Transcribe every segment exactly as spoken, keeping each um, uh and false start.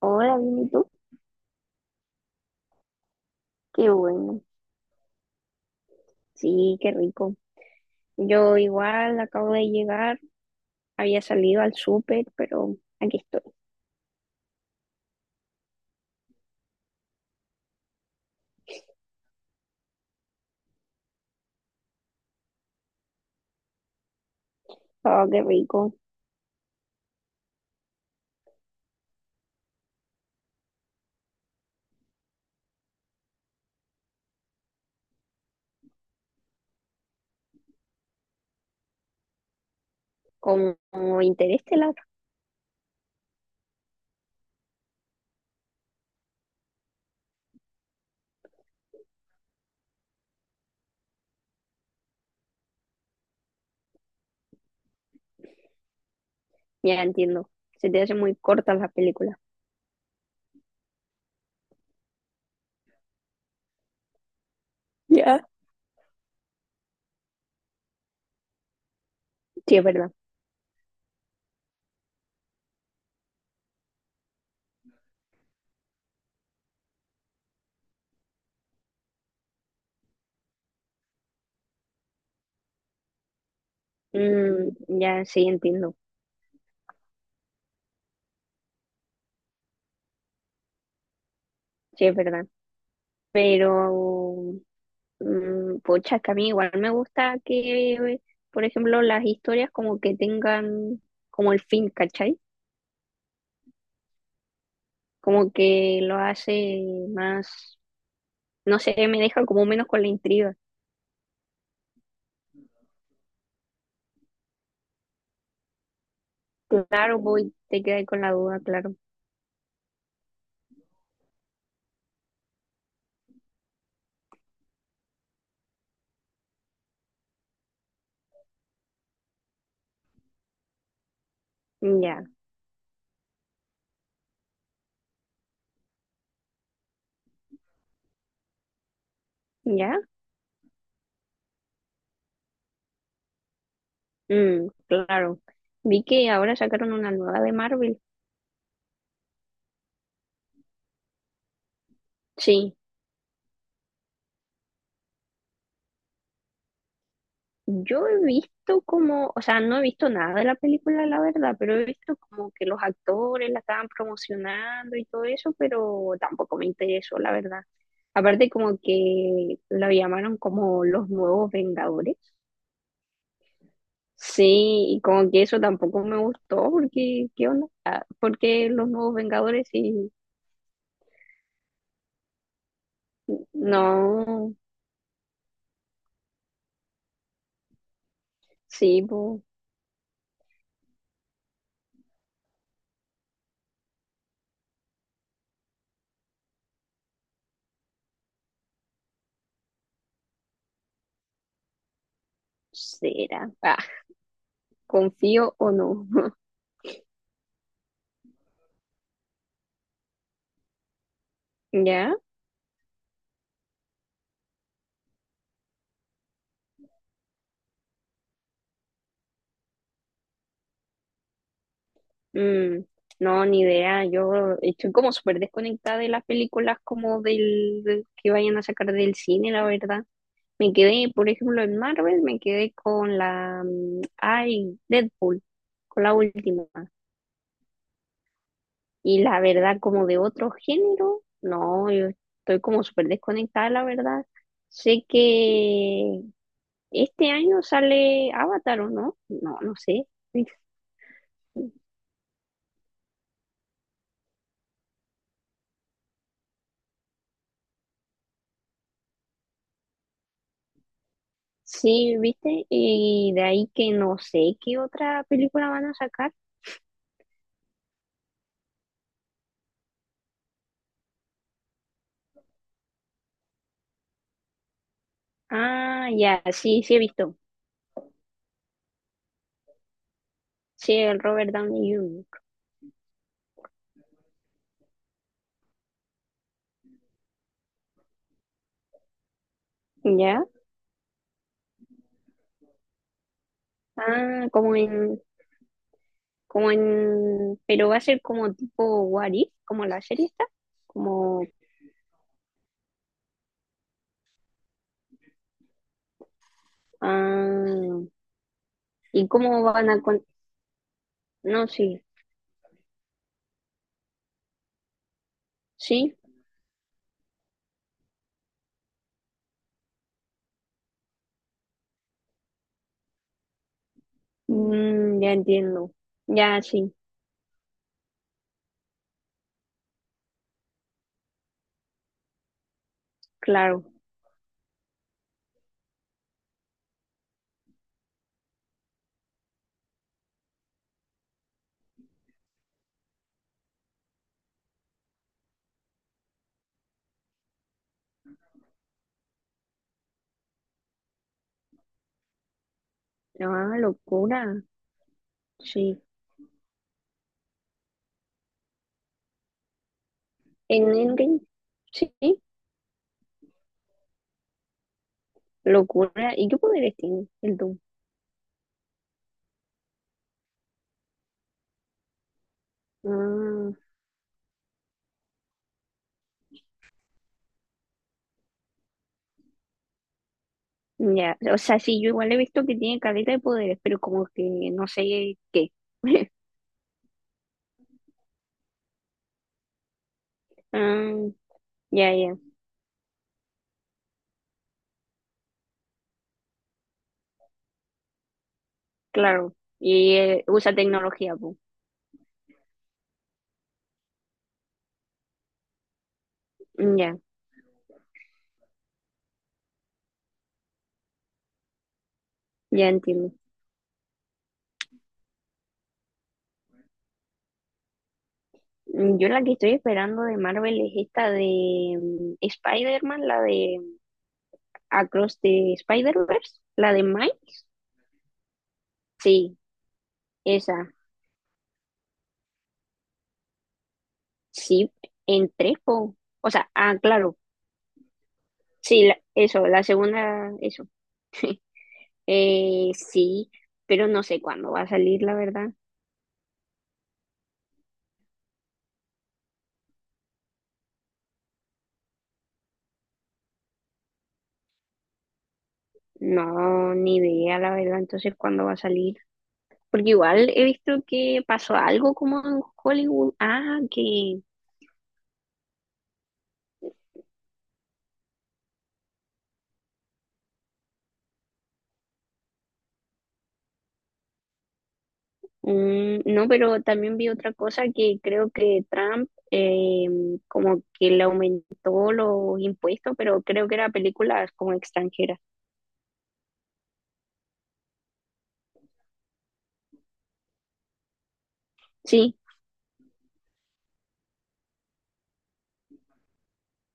Hola, bien, ¿y tú? Qué bueno. Sí, qué rico. Yo igual acabo de llegar, había salido al súper, pero aquí estoy. Oh, qué rico. Como Interestelar, ya entiendo. Se te hacen muy cortas las películas. Ya. Sí, es verdad. Mm, ya, sí, entiendo. Sí, es verdad. Pero, mm, pocha, es que a mí igual me gusta que, por ejemplo, las historias como que tengan como el fin, ¿cachai? Como que lo hace más. No sé, me deja como menos con la intriga. Claro, voy, te quedas con la duda, claro. Ya, ya. Mm, claro. Vi que ahora sacaron una nueva de Marvel. Sí, yo he visto como, o sea, no he visto nada de la película, la verdad, pero he visto como que los actores la estaban promocionando y todo eso, pero tampoco me interesó, la verdad. Aparte como que lo llamaron como los nuevos Vengadores. Sí, y como que eso tampoco me gustó, porque, ¿qué onda? Ah, porque los nuevos Vengadores y no, sí, pues, será. Ah, confío o no, ¿ya? Mm, no, ni idea, yo estoy como súper desconectada de las películas como del, del que vayan a sacar del cine, la verdad. Me quedé, por ejemplo, en Marvel, me quedé con la, mm, ay, Deadpool, con la última. Y la verdad, como de otro género, no, yo estoy como súper desconectada, la verdad. Sé que este año sale Avatar, ¿o no? No, no sé. Sí, ¿viste? Y de ahí que no sé qué otra película van a sacar. Ah, ya, sí, sí he visto. Sí, el Robert Downey junior ¿Ya? Ah, como en, como en, pero va a ser como tipo What If, como la serie está. Como, ah, ¿y cómo van a con... No, sí, sí, mm, ya entiendo. Ya, sí, claro. Ah, locura, sí. En Endgame, sí, locura. ¿Y qué poderes tiene el Doom? Ah, ya, o sea, sí, yo igual he visto que tiene caleta de poderes, pero como que no sé qué. Ah, ya, ya, claro. Y eh, usa tecnología, pues. Ya, ya entiendo. Mm, Yo la que estoy esperando de Marvel es esta de mm, Spider-Man, la de Across the Spider-Verse, la de Miles. Sí, esa. Sí, entrepo. O sea, ah, claro. Sí, la- eso, la segunda, eso. Eh, sí, pero no sé cuándo va a salir, la verdad. No, ni idea, la verdad. Entonces, ¿cuándo va a salir? Porque igual he visto que pasó algo como en Hollywood. Ah, que mm, no, pero también vi otra cosa que creo que Trump eh, como que le aumentó los impuestos, pero creo que era películas como extranjeras. Sí.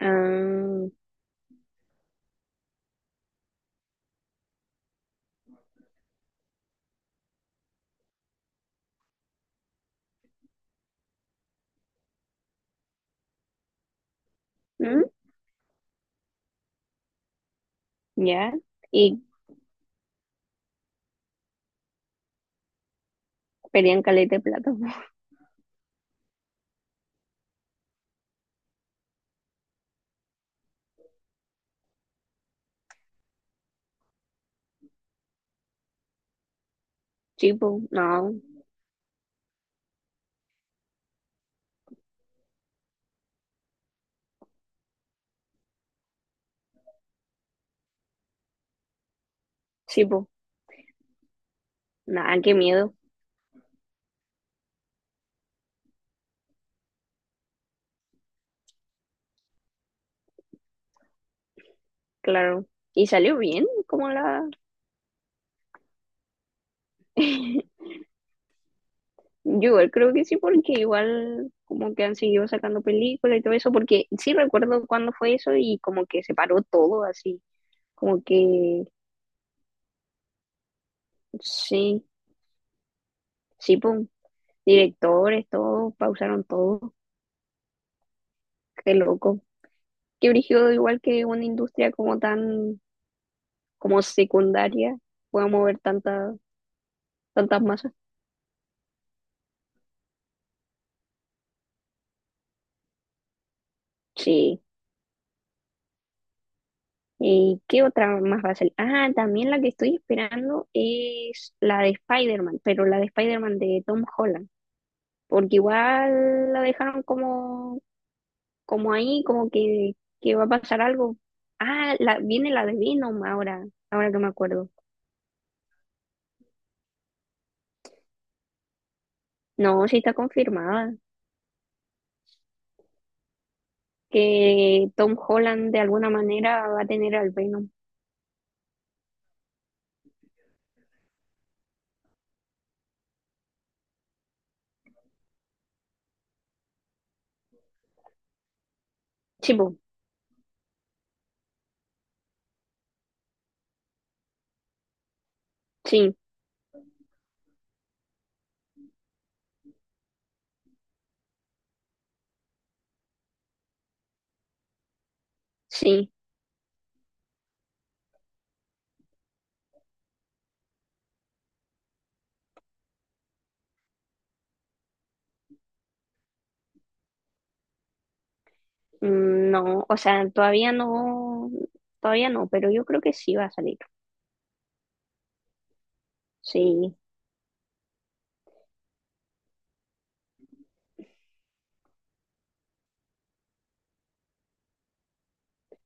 Ah, ¿mm? Ya. Y pedían caleta de plata. Sí, po, no. Sí, po. Nada, qué miedo, claro. Y salió bien, como la... Yo igual creo que sí, porque igual como que han seguido sacando películas y todo eso, porque sí recuerdo cuándo fue eso y como que se paró todo así como que sí, sí, pum. Directores, todos, pausaron todo. Qué loco. Qué brígido, igual que una industria como tan, como secundaria, pueda mover tantas, tantas masas. Sí. ¿Y qué otra más va a salir? Ah, también la que estoy esperando es la de Spider-Man, pero la de Spider-Man de Tom Holland. Porque igual la dejaron como, como ahí, como que, que va a pasar algo. Ah, la, viene la de Venom ahora, ahora que me acuerdo. No, sí está confirmada que Tom Holland de alguna manera va a tener al Venom. Sí, po, sí, sí. Mm, no, o sea, todavía no, todavía no, pero yo creo que sí va a salir. Sí,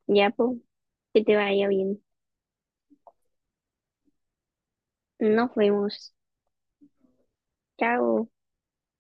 ya, pues, que te vaya bien. Nos vemos. Chao.